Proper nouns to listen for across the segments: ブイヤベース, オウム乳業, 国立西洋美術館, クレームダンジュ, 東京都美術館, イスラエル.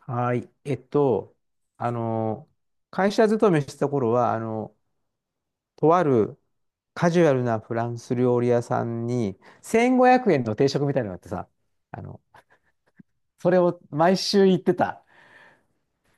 はい。あの、会社勤めしてた頃は、とあるカジュアルなフランス料理屋さんに、1500円の定食みたいなのがあってさ、あの、それを毎週行ってた。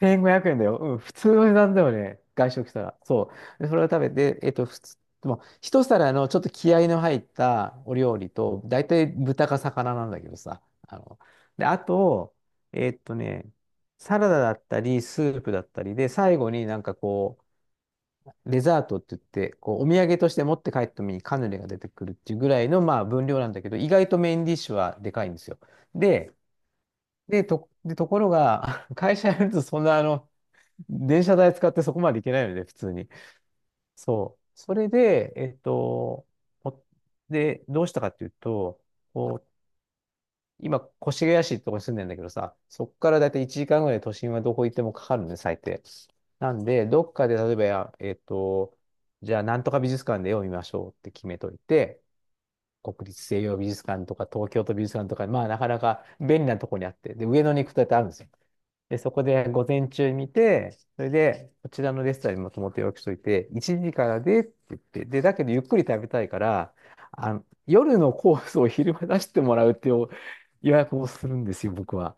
1500円だよ。うん、普通の値段だよね。外食したら。そう。で、それを食べて、普通、でも、一皿のちょっと気合いの入ったお料理と、大体豚か魚なんだけどさ。あの、で、あと、えっとね、サラダだったり、スープだったりで、最後になんかこう、デザートって言って、こう、お土産として持って帰った時にカヌレが出てくるっていうぐらいの、まあ、分量なんだけど、意外とメインディッシュはでかいんですよ。で、で、ところが、会社やるとそんな電車代使ってそこまで行けないので、普通に。そう。それで、おで、どうしたかっていうと、こう、今、越谷市ってとこに住んでんだけどさ、そこからだいたい1時間ぐらい都心はどこ行ってもかかるのね、最低。なんで、どっかで例えばや、えっと、じゃあ、なんとか美術館で絵を見ましょうって決めといて、国立西洋美術館とか東京都美術館とか、まあ、なかなか便利なとこにあって、で、上野に行くとだってあるんですよ。で、そこで午前中見て、それで、こちらのレストランにもともと予約しといて、1時からでって言って、で、だけどゆっくり食べたいから、夜のコースを昼間出してもらうっていう予約をするんですよ、僕は。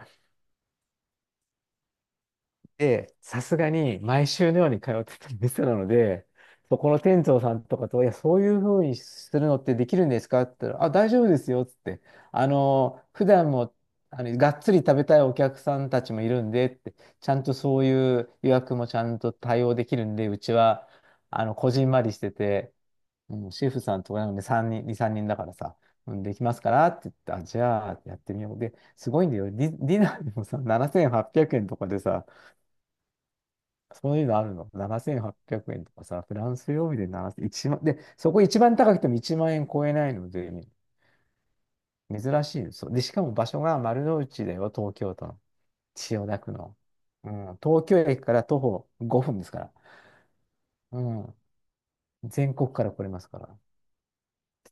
で、さすがに毎週のように通ってた店なので、そこの店長さんとかと、いや、そういうふうにするのってできるんですかって言ったら、あ、大丈夫ですよ、つって。普段も、がっつり食べたいお客さんたちもいるんで、って、ちゃんとそういう予約もちゃんと対応できるんで、うちは、こじんまりしてて、うん、シェフさんとかなんで3人、2、3人だからさ、うんできますからって言って、あ、じゃあやってみよう。で、すごいんだよ。ディナーでもさ、7800円とかでさ、そういうのあるの。7800円とかさ、フランス料理で7 0万、いちまんで、そこ一番高くても1万円超えないので、珍しいですそうで、しかも場所が丸の内だよ、東京都の。千代田区の。うん、東京駅から徒歩5分ですから。うん、全国から来れますから。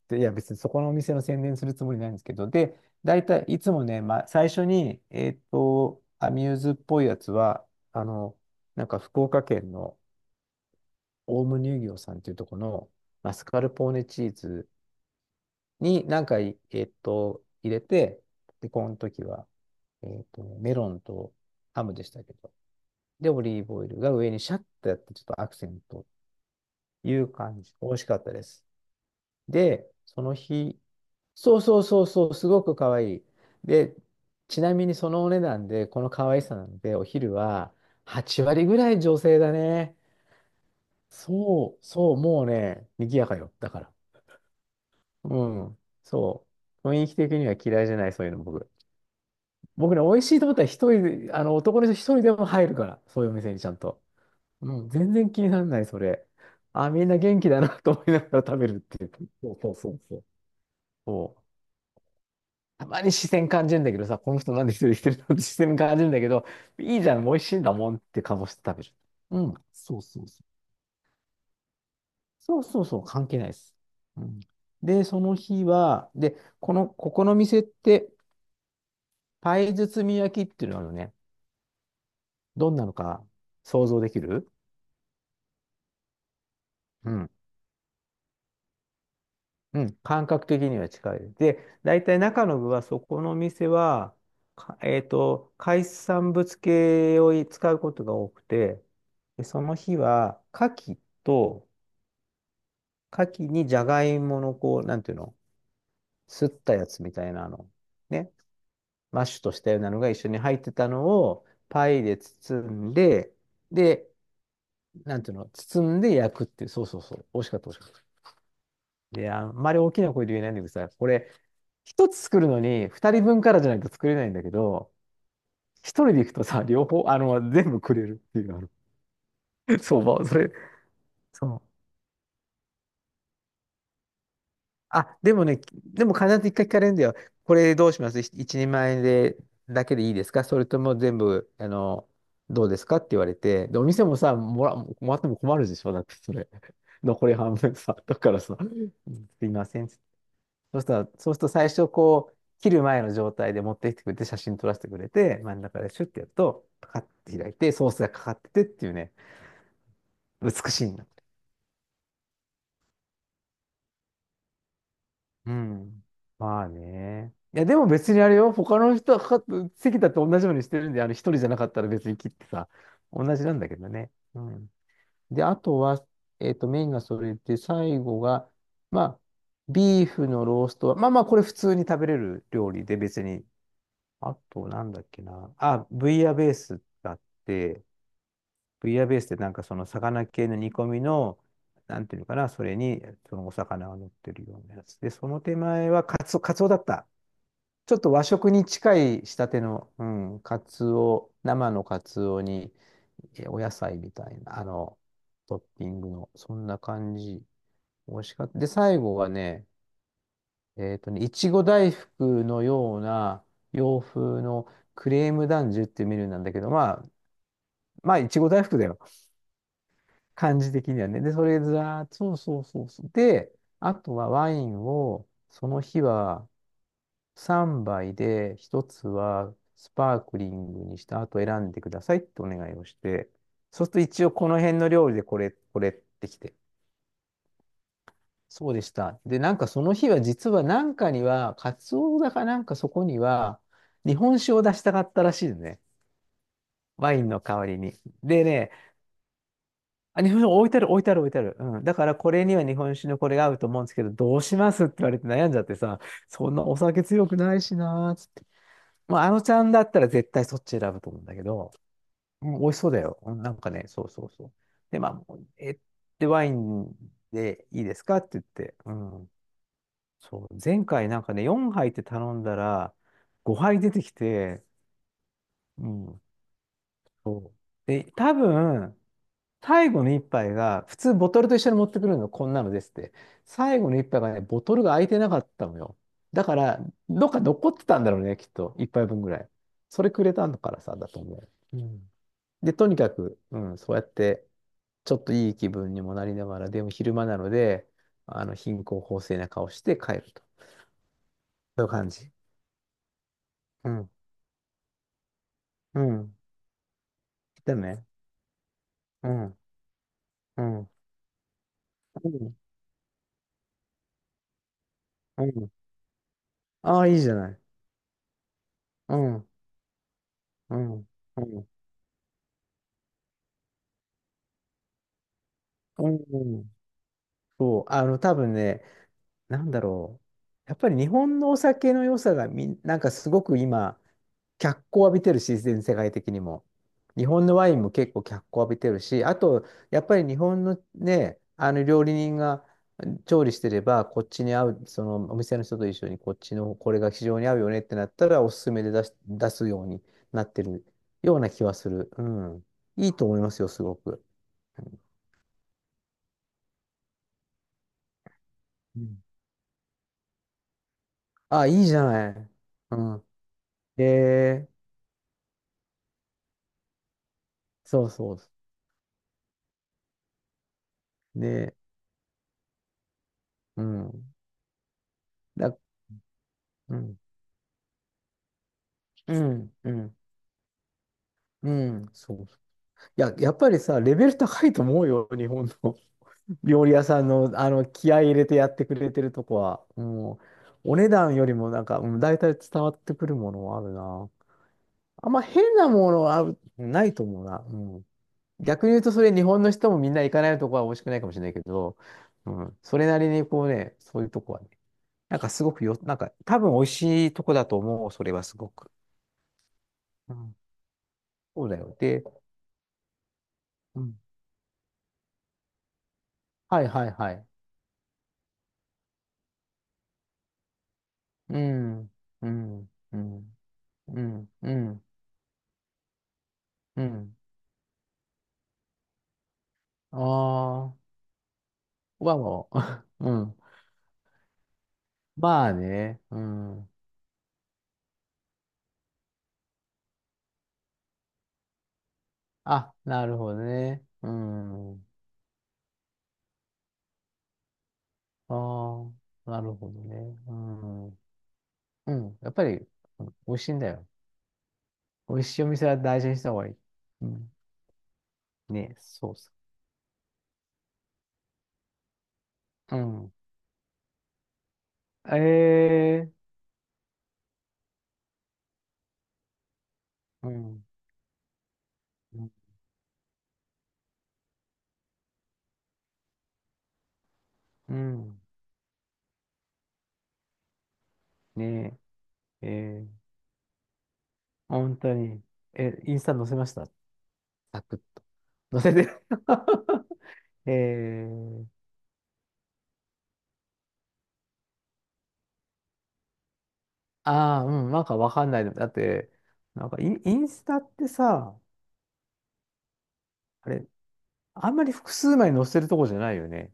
でいや、別にそこのお店の宣伝するつもりないんですけど、で、大体いつもね、まあ、最初に、アミューズっぽいやつは、あの、なんか福岡県の、オウム乳業さんっていうところのマスカルポーネチーズに何回、入れて、で、この時は、メロンとハムでしたけど、で、オリーブオイルが上にシャッとやって、ちょっとアクセントという感じ。美味しかったです。で、その日、そうそうそうそう、すごく可愛い。で、ちなみにそのお値段で、この可愛さなんで、お昼は8割ぐらい女性だね。そう、そう、もうね、賑やかよ。だから。うん。そう。雰囲気的には嫌いじゃない、そういうの僕。僕ね、美味しいと思ったら一人で、男の人一人でも入るから、そういうお店にちゃんと。うん、全然気にならない、それ。あ、みんな元気だな と思いながら食べるっていう。そうそうそうそう。そう、たまに視線感じるんだけどさ、この人なんで一人で来てるのって視線感じるんだけど、いいじゃん、美味しいんだもんって顔して食べる。うん、そうそうそう。そうそうそう、関係ないです。うん、で、その日は、で、この、ここの店って、パイ包み焼きっていうのはあのね、どんなのか想像できる？うん。うん。感覚的には近い。で、大体中の具は、そこの店は、かえっと、海産物系を使うことが多くて、で、その日は、牡蠣と、牡蠣にじゃがいもの、こう、なんていうの、すったやつみたいなの、ね、マッシュとしたようなのが一緒に入ってたのを、パイで包んで、で、なんていうの、包んで焼くっていう、そうそうそう、美味しかった、美味しかった。で、あんまり大きな声で言えないんだけどさ、これ、一つ作るのに、二人分からじゃないと作れないんだけど、一人で行くとさ、両方、全部くれるっていう、相場、まあそれ、そう。あ、でもね、でも必ず一回聞かれるんだよ。これどうします一人前で、だけでいいですか、それとも全部、どうですかって言われて、で、お店もさ、もらっても困るでしょ、だってそれ。残り半分さ、だからさ、すいません。そうしたら、そうすると最初こう、切る前の状態で持ってきてくれて、写真撮らせてくれて、真ん中でシュッてやると、パカッて開いて、ソースがかかっててっていうね、美しいんだ。うん。まあね。いや、でも別にあれよ、他の人はかかっ席だって同じようにしてるんで、一人じゃなかったら別に切ってさ、同じなんだけどね。うん。で、あとは、メインがそれで、最後が、まあ、ビーフのローストは、まあまあ、これ普通に食べれる料理で別に。あと、なんだっけな。あ、ブイヤベースがあって、ブイヤベースってなんかその魚系の煮込みの、なんていうのかな、それにそのお魚が乗ってるようなやつ。で、その手前はカツオ、カツオだった。ちょっと和食に近い仕立ての、うん、カツオ、生のカツオに、え、お野菜みたいな、トッピングの、そんな感じ。美味しかった。で、最後はね、いちご大福のような洋風のクレームダンジュっていうメニューなんだけど、まあ、まあ、いちご大福だよ。感じ的にはね。で、それずらーっと、そうそうそうそう。で、あとはワインを、その日は3杯で、1つはスパークリングにした後選んでくださいってお願いをして、そうすると一応この辺の料理でこれ、これってきて、そうでした。で、なんかその日は実はなんかには、カツオだかなんかそこには、日本酒を出したかったらしいのね。ワインの代わりに。でね、あ、日本酒置いてある置いてある置いてある。うん。だからこれには日本酒のこれが合うと思うんですけど、どうしますって言われて悩んじゃってさ、そんなお酒強くないしなーっつって。まあ、あのちゃんだったら絶対そっち選ぶと思うんだけど、うん、美味しそうだよ。うん、なんかね、そうそうそう。で、まあ、で、ワインでいいですかって言って、うん。そう、前回なんかね、4杯って頼んだら、5杯出てきて、うん。そうで、多分、最後の一杯が、普通ボトルと一緒に持ってくるの、こんなのですって。最後の一杯がね、ボトルが開いてなかったのよ。だから、どっか残ってたんだろうね、きっと。一杯分ぐらい。それくれたのからさ、だと思う。うん。で、とにかく、うん、そうやって、ちょっといい気分にもなりながら、でも昼間なので、あの、貧困法制な顔して帰ると。そういう感じ。うんうん。来たね。うん。うん。うん。うん。ああ、いいじゃない。うん。うん。うん。うん。そう。あの、多分ね、なんだろう。やっぱり日本のお酒の良さがなんかすごく今、脚光を浴びてるし、全世界的にも。日本のワインも結構脚光を浴びてるし、あと、やっぱり日本のね、あの料理人が調理してれば、こっちに合う、そのお店の人と一緒にこっちのこれが非常に合うよねってなったら、おすすめで出すようになってるような気はする。うん。いいと思いますよ、すごく。うんあ、いいじゃない。うん。へえ、そうそう。ね、うん。だ、うん。うん。うん。うん。そう、いや、やっぱりさ、レベル高いと思うよ、日本の 料理屋さんの、あの気合い入れてやってくれてるとこは。もう、お値段よりもなんか、うん、大体伝わってくるものはあるな。あんま変なものはあるないと思うな。うん、逆に言うと、それ日本の人もみんな行かないとこは美味しくないかもしれないけど、うん、それなりにこうね、そういうとこはね、なんかすごくよ、なんか多分美味しいとこだと思う、それはすごく。うん、そうだよ。で、うん、はいはいはい。うん、うん、うん。うん、うん、うん。ああ、まあもう、うん。まあね、うん。あ、なるほどね。うん。ああ、なるほどね。うん。うん。やっぱり、うん美味しいんだよ。美味しいお店は大事にした方がいい。うん。ね、そうそう。うん。ええうん。うん。うんねえ、ええ本当に。え、インスタ載せました。サクッと。載せて。ええああ、うん、なんかわかんないの。だって、なんかインスタってさ、あれ、あんまり複数枚載せるとこじゃないよね。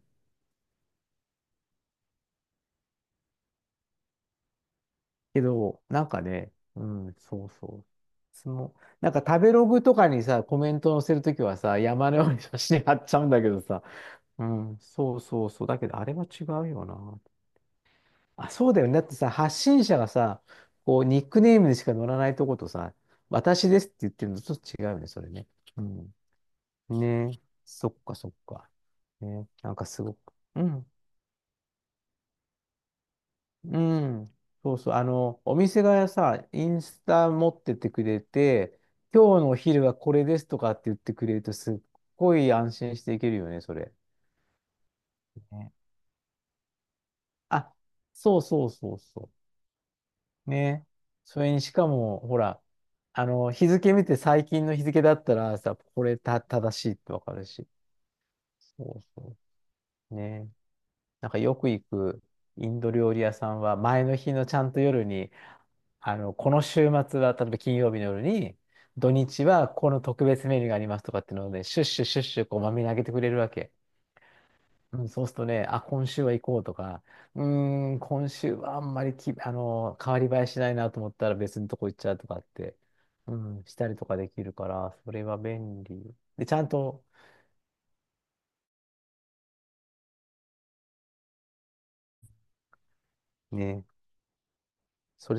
けど、なんかね、うん、そうそう。その、なんか食べログとかにさ、コメント載せるときはさ、山のように写真貼っちゃうんだけどさ、うん、そうそうそう。だけど、あれは違うよな。あ、そうだよね。だってさ、発信者がさ、こう、ニックネームでしか載らないとことさ、私ですって言ってるのとちょっと違うよね、それね。うん。ねえ、そっかそっか。ねえ、なんかすごく。うん、うん。そうそう。あの、お店がさ、インスタ持っててくれて、今日のお昼はこれですとかって言ってくれると、すっごい安心していけるよね、それ。ねあ、そうそうそうそう。ねそれにしかも、ほら、あの、日付見て最近の日付だったらさ、これた正しいってわかるし。そうそう。ねなんかよく行くインド料理屋さんは、前の日のちゃんと夜に、あの、この週末は、例えば金曜日の夜に、土日はこの特別メニューがありますとかっていうのをね、シュッシュシュッシュこうまめにあげてくれるわけ。うん、そうするとね、あ、今週は行こうとか、うーん、今週はあんまりき、あの、変わり映えしないなと思ったら別のとこ行っちゃうとかって、うん、したりとかできるから、それは便利。で、ちゃんとね、それ